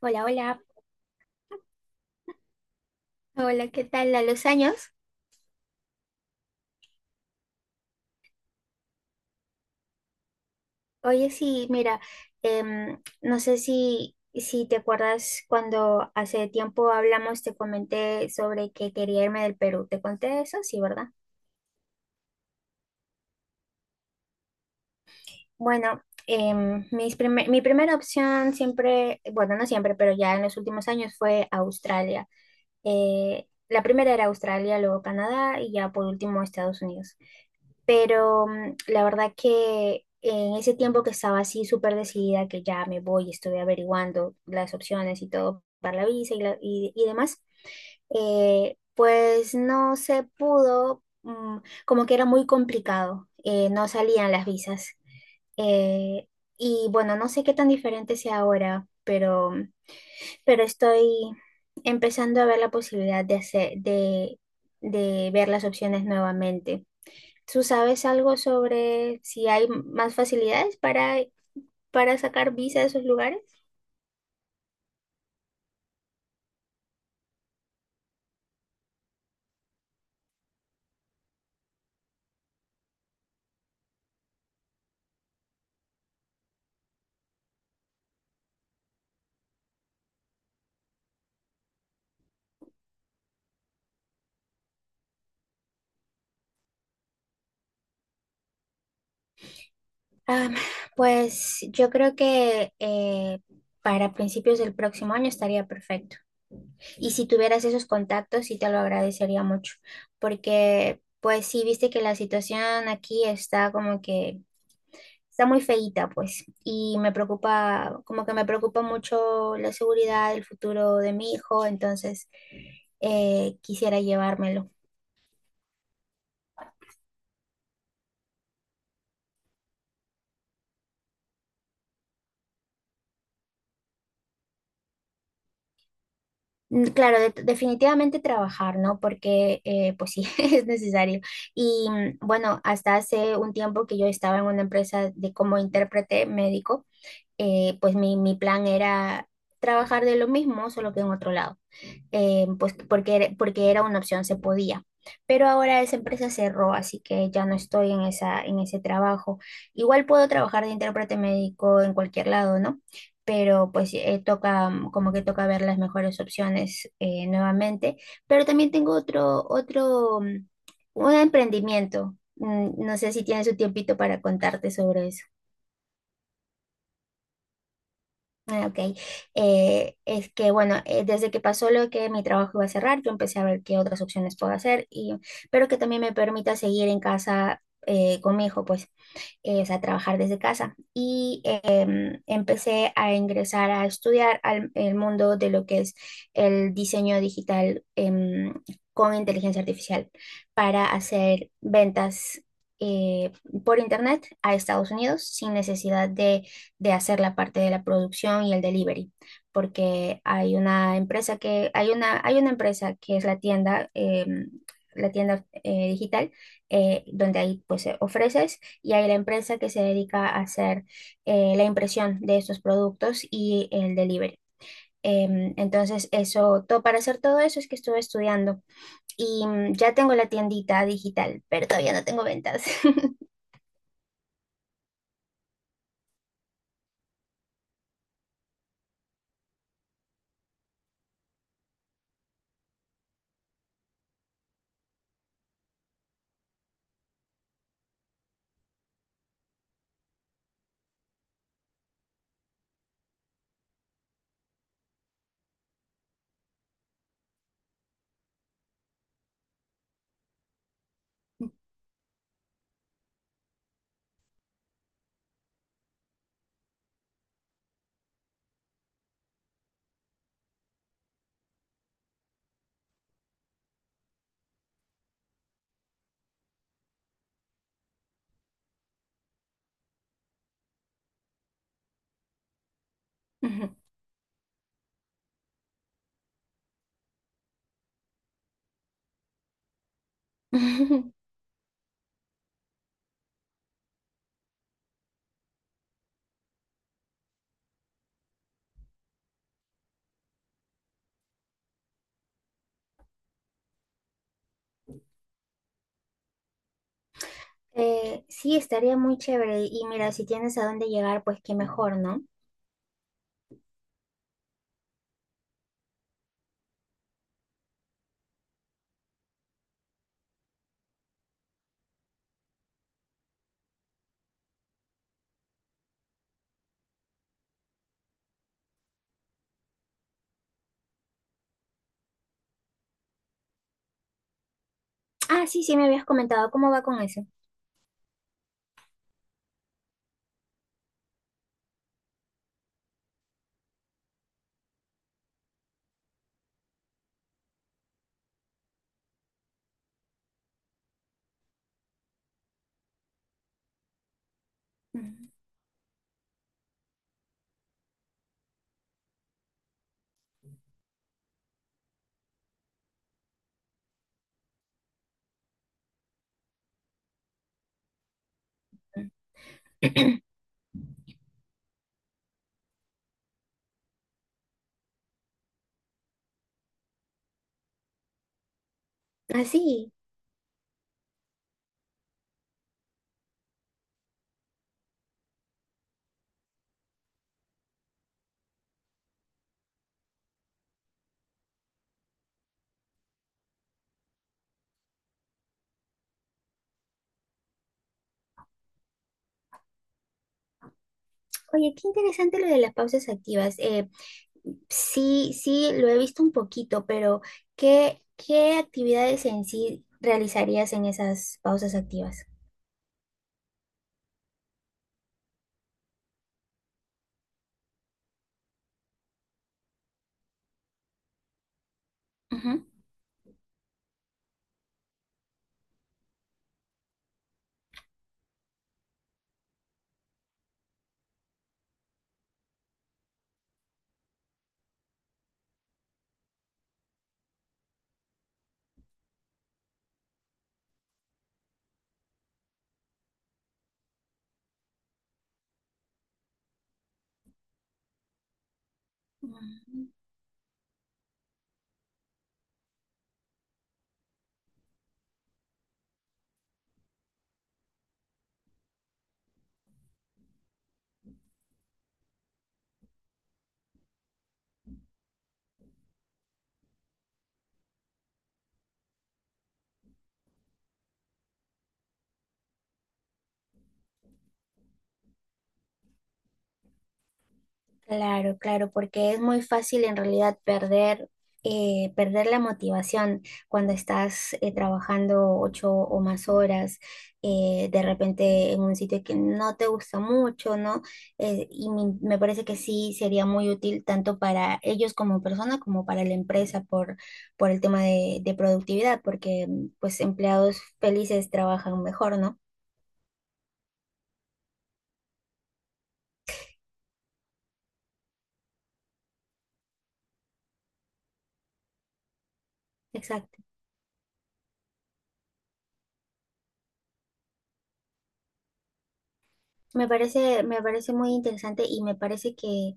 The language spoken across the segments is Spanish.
Hola, hola, hola, ¿qué tal? A los años. Oye, sí, mira, no sé si te acuerdas cuando hace tiempo hablamos, te comenté sobre que quería irme del Perú. ¿Te conté eso? Sí, ¿verdad? Bueno, mis primer mi primera opción siempre, bueno, no siempre, pero ya en los últimos años fue Australia. La primera era Australia, luego Canadá y ya por último Estados Unidos. Pero la verdad que en ese tiempo que estaba así súper decidida, que ya me voy, estuve averiguando las opciones y todo para la visa y demás, pues no se pudo, como que era muy complicado, no salían las visas. Eh, y bueno, no sé qué tan diferente sea ahora, pero, pero estoy empezando a ver la posibilidad de de ver las opciones nuevamente. ¿Tú sabes algo sobre si hay más facilidades para sacar visa de esos lugares? Ah, pues yo creo que para principios del próximo año estaría perfecto. Y si tuvieras esos contactos, sí te lo agradecería mucho, porque pues sí, viste que la situación aquí está como que está muy feíta, pues, y me preocupa, como que me preocupa mucho la seguridad, el futuro de mi hijo, entonces quisiera llevármelo. Mm, claro, definitivamente trabajar, ¿no? Porque, pues sí, es necesario. Y bueno, hasta hace un tiempo que yo estaba en una empresa de como intérprete médico, pues mi plan era trabajar de lo mismo, solo que en otro lado, pues porque era una opción, se podía. Pero ahora esa empresa cerró, así que ya no estoy en ese trabajo. Igual puedo trabajar de intérprete médico en cualquier lado, ¿no? Pero pues toca, como que toca ver las mejores opciones, nuevamente. Pero también tengo otro, un emprendimiento. Mm, no sé si tienes un tiempito para contarte sobre eso. Ah, ok. Es que, bueno, desde que pasó lo que mi trabajo iba a cerrar, yo empecé a ver qué otras opciones puedo hacer, y, pero que también me permita seguir en casa, con mi hijo, pues o sea, trabajar desde casa. Y empecé a ingresar a estudiar al el mundo de lo que es el diseño digital, con inteligencia artificial para hacer ventas, eh, por internet a Estados Unidos sin necesidad de hacer la parte de la producción y el delivery, porque hay una empresa que es la tienda, la tienda, digital, donde ahí pues ofreces y hay la empresa que se dedica a hacer la impresión de estos productos y el delivery. Entonces, eso, todo, para hacer todo eso es que estuve estudiando y ya tengo la tiendita digital, pero todavía no tengo ventas. Ujú. Sí, estaría muy chévere. Y mira, si tienes a dónde llegar, pues qué mejor, ¿no? Ah, sí, sí, me habías comentado cómo va con eso. Ujú. Ah, sí. Oye, qué interesante lo de las pausas activas. Sí, sí, lo he visto un poquito, pero ¿qué, qué actividades en sí realizarías en esas pausas activas? Ujú. Claro, claro, porque es muy fácil en realidad perder la motivación cuando estás, trabajando 8 o más horas, de repente en un sitio que no te gusta mucho, ¿no? Me parece que sí sería muy útil tanto para ellos como persona como para la empresa por el tema de productividad, porque pues empleados felices trabajan mejor, ¿no? Exacto. Me parece muy interesante y me parece que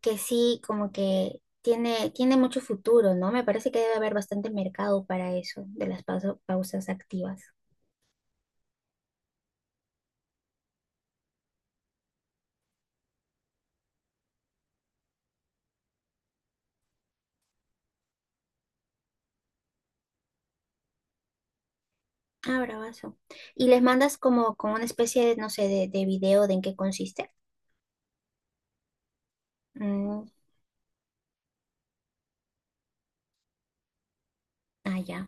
que sí, como que tiene, tiene mucho futuro, ¿no? Me parece que debe haber bastante mercado para eso, de las pausas activas. Ah, bravazo. ¿Y les mandas como, como una especie de, no sé, de video de en qué consiste? Mm, ah, ya.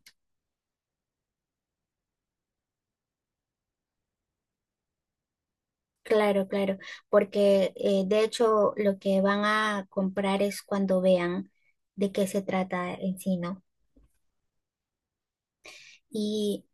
Claro, claro. Porque de hecho lo que van a comprar es cuando vean de qué se trata en sí, ¿no? Y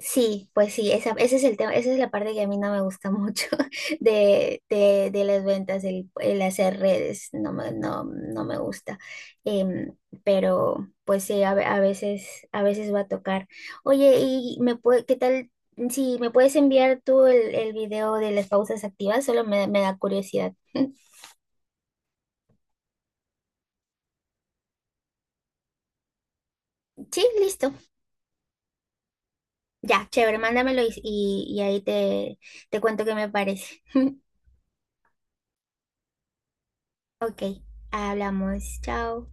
sí, pues sí, esa, ese es el tema, esa es la parte que a mí no me gusta mucho de las ventas, el hacer redes, no me, no, no me gusta. Em, pero pues sí, a, a veces va a tocar. Oye, ¿y me puede, qué tal si me puedes enviar tú el video de las pausas activas? Solo me, me da curiosidad. Sí, listo. Ya, chévere, mándamelo y ahí te, te cuento qué me parece. Ok, hablamos, chao.